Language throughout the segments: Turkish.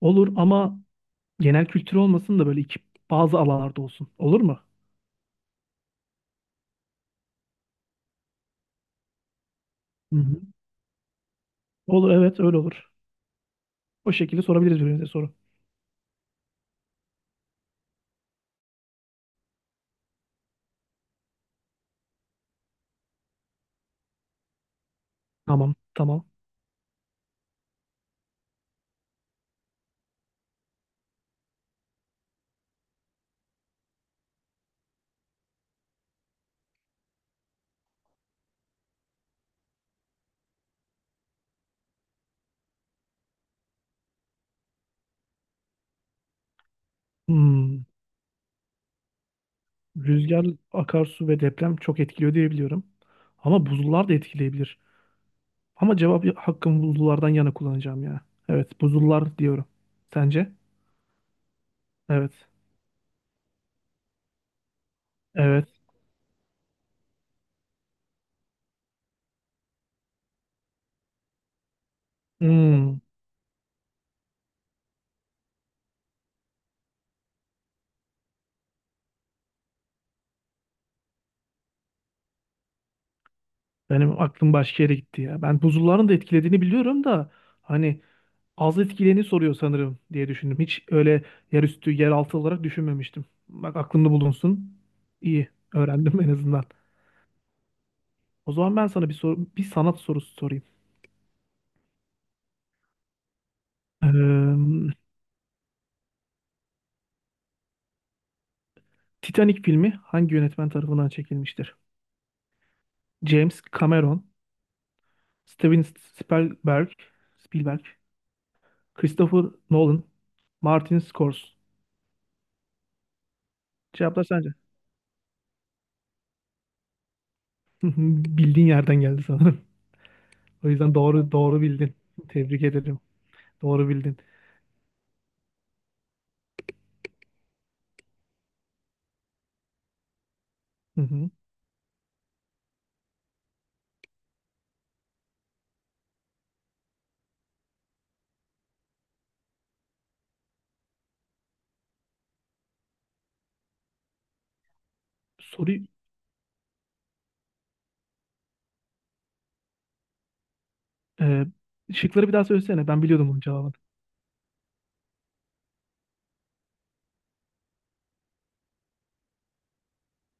Olur ama genel kültür olmasın da böyle bazı alanlarda olsun. Olur mu? Hı hı. Olur, evet, öyle olur. O şekilde sorabiliriz birbirimize soru. Tamam, tamam. Hmm, Rüzgar, akarsu ve deprem çok etkiliyor diye biliyorum. Ama buzullar da etkileyebilir. Ama cevap hakkımı buzullardan yana kullanacağım ya. Evet, buzullar diyorum. Sence? Evet. Evet. Hmm, benim aklım başka yere gitti ya. Ben buzulların da etkilediğini biliyorum da hani az etkileni soruyor sanırım diye düşündüm. Hiç öyle yerüstü, yeraltı olarak düşünmemiştim. Bak, aklımda bulunsun. İyi. Öğrendim en azından. O zaman ben sana bir soru, bir sanat sorusu sorayım. Ee, Titanic filmi hangi yönetmen tarafından çekilmiştir? James Cameron, Steven Spielberg, Spielberg, Christopher Nolan, Martin Scorsese. Cevaplar sence? Bildiğin yerden geldi sanırım. O yüzden doğru doğru bildin. Tebrik ederim. Doğru bildin. Hı hı. Soru, Ee, şıkları bir daha söylesene. Ben biliyordum bunun cevabını.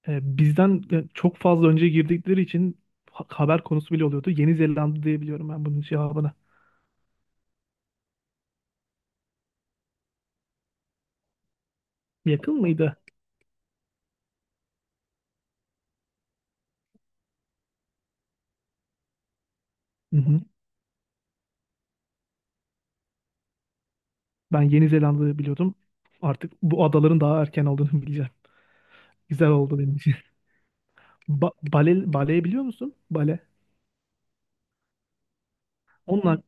Bizden çok fazla önce girdikleri için haber konusu bile oluyordu. Yeni Zelanda diye biliyorum ben bunun cevabını. Yakın mıydı? Hı hı. Ben Yeni Zelanda'yı biliyordum. Artık bu adaların daha erken olduğunu bileceğim. Güzel oldu benim için. Baleyi biliyor musun? Bale. Onunla,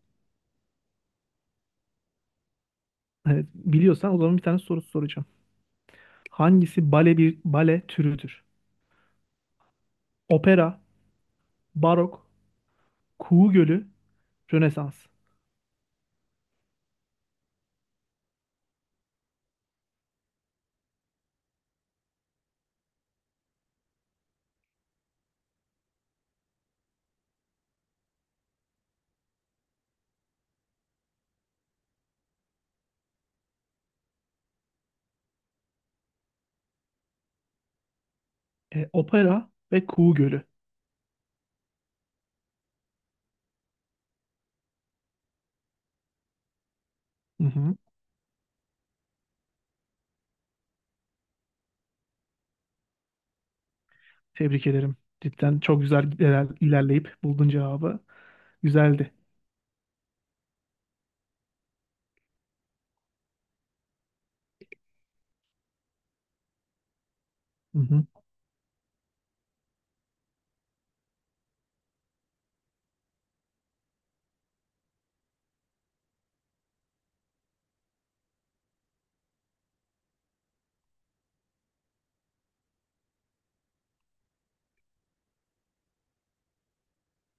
evet, biliyorsan o zaman bir tane soru soracağım. Hangisi bir bale türüdür? Opera, barok, kuğu gölü, Rönesans. Opera ve kuğu gölü. Hı. Tebrik ederim. Cidden çok güzel ilerleyip buldun cevabı. Güzeldi. Hı hı.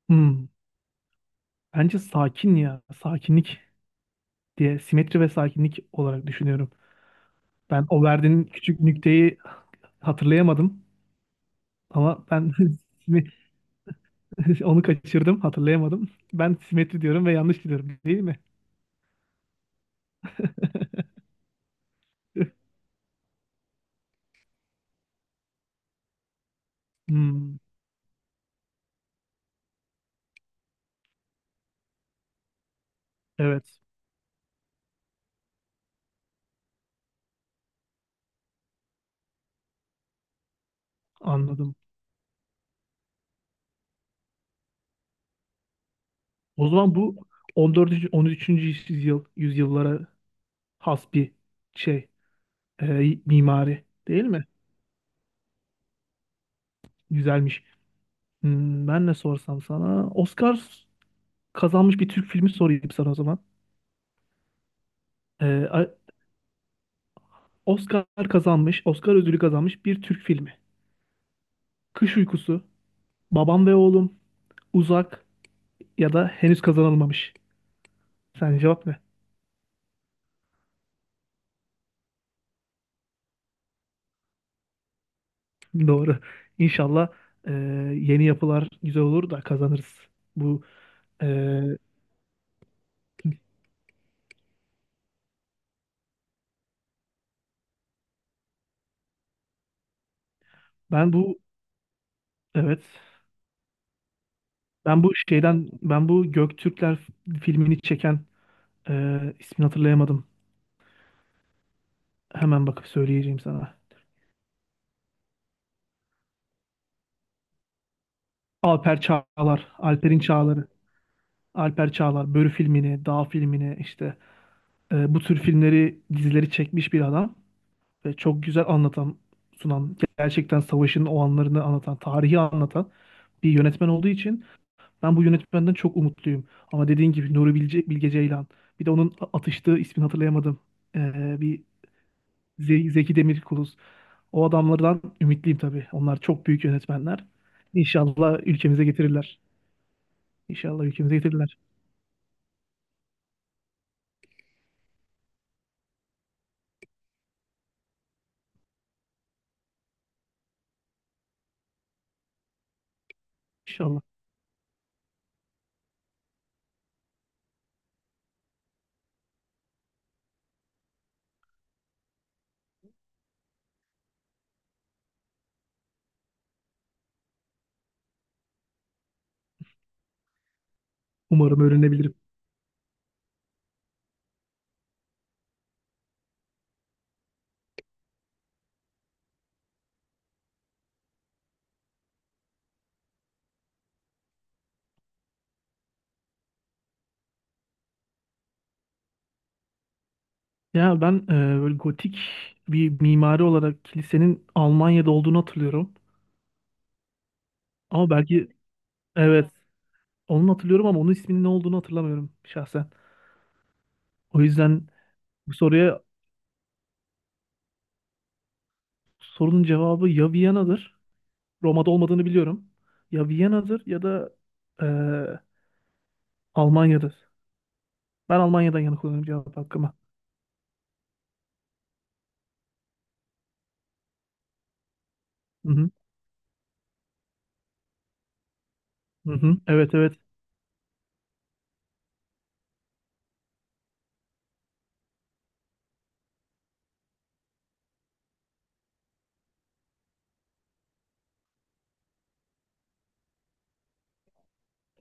Hmm. Bence sakin ya. Sakinlik diye simetri ve sakinlik olarak düşünüyorum. Ben o verdiğin küçük nükteyi hatırlayamadım. Ama ben simi- onu kaçırdım. Hatırlayamadım. Ben simetri diyorum ve yanlış diyorum. Değil mi? Hmm. Evet. Anladım. O zaman bu 14. 13. Yüzyıllara has bir şey. e, mimari değil mi? Güzelmiş. Ben ne sorsam sana? Oscar kazanmış bir Türk filmi sorayım sana o zaman. Ee, a- Oscar ödülü kazanmış bir Türk filmi. Kış Uykusu, Babam ve Oğlum, Uzak ya da Henüz Kazanılmamış. Sen cevap ne? Doğru. İnşallah e, yeni yapılar güzel olur da kazanırız. Bu e, ben bu evet ben bu Göktürkler filmini çeken ismini hatırlayamadım. Hemen bakıp söyleyeceğim sana. Alper Çağlar, Alper'in Çağları, Alper Çağlar, Börü filmini, Dağ filmini işte, bu tür filmleri, dizileri çekmiş bir adam ve çok güzel anlatan, sunan, gerçekten savaşın o anlarını anlatan, tarihi anlatan bir yönetmen olduğu için ben bu yönetmenden çok umutluyum. Ama dediğin gibi Bilge Ceylan, bir de onun atıştığı ismini hatırlayamadım. E, bir Zeki Demirkubuz. O adamlardan ümitliyim tabii. Onlar çok büyük yönetmenler. İnşallah ülkemize getirirler. İnşallah ülkemize getirirler. İnşallah. Umarım öğrenebilirim. Ya ben böyle gotik bir mimari olarak kilisenin Almanya'da olduğunu hatırlıyorum. Ama belki, evet, onu hatırlıyorum ama onun isminin ne olduğunu hatırlamıyorum şahsen. O yüzden bu soruya sorunun cevabı ya Viyana'dır. Roma'da olmadığını biliyorum. Ya Viyana'dır ya da e, Almanya'dır. Ben Almanya'dan yana kullanıyorum cevap hakkımı. Hı hı. Hı hı. Evet, evet.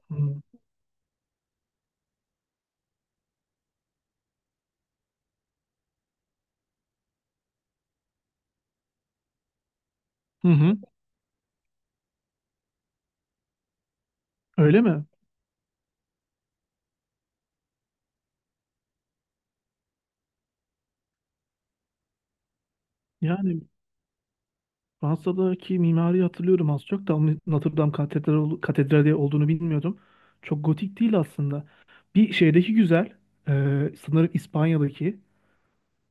Hı hı. Hı hı. Öyle mi? Yani Fransa'daki mimari hatırlıyorum az çok da ama Notre Dame katedrali olduğunu bilmiyordum. Çok gotik değil aslında. Bir şeydeki güzel, e, sanırım İspanya'daki,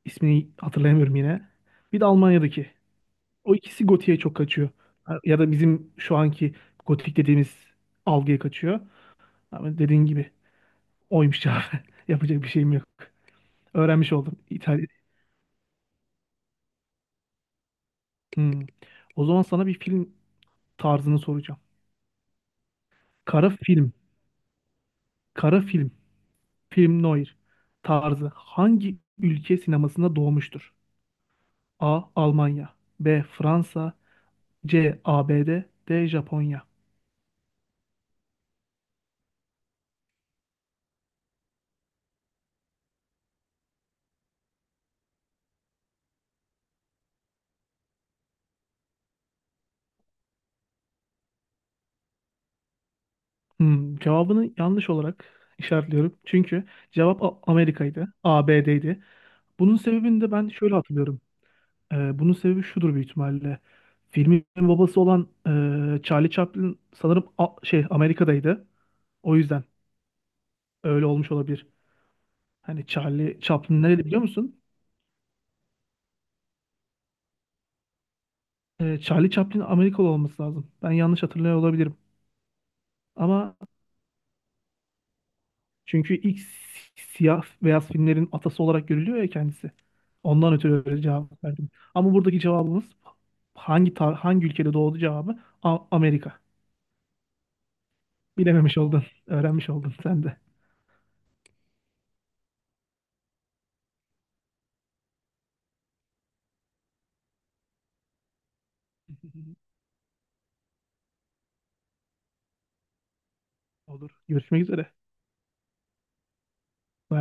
ismini hatırlayamıyorum yine. Bir de Almanya'daki. O ikisi gotiğe çok kaçıyor. Ha, ya da bizim şu anki gotik dediğimiz algıya kaçıyor. Ama dediğin gibi oymuş ya. Yapacak bir şeyim yok. Öğrenmiş oldum. İtalya. Hmm. O zaman sana bir film tarzını soracağım. Kara film. Kara film. Film noir tarzı hangi ülke sinemasında doğmuştur? A. Almanya, B. Fransa, C. ABD, D. Japonya. Cevabını yanlış olarak işaretliyorum. Çünkü cevap Amerika'ydı. ABD'ydi. Bunun sebebini de ben şöyle hatırlıyorum. Bunun sebebi şudur büyük ihtimalle. Filmin babası olan Charlie Chaplin sanırım Amerika'daydı. O yüzden öyle olmuş olabilir. Hani Charlie Chaplin nereli biliyor musun? Charlie Chaplin Amerikalı olması lazım. Ben yanlış hatırlıyor olabilirim. Ama çünkü ilk siyah beyaz filmlerin atası olarak görülüyor ya kendisi. Ondan ötürü öyle cevap verdim. Ama buradaki cevabımız hangi ülkede doğdu cevabı Amerika. Bilememiş oldun, öğrenmiş oldun sen de. Olur. Görüşmek üzere. Bye.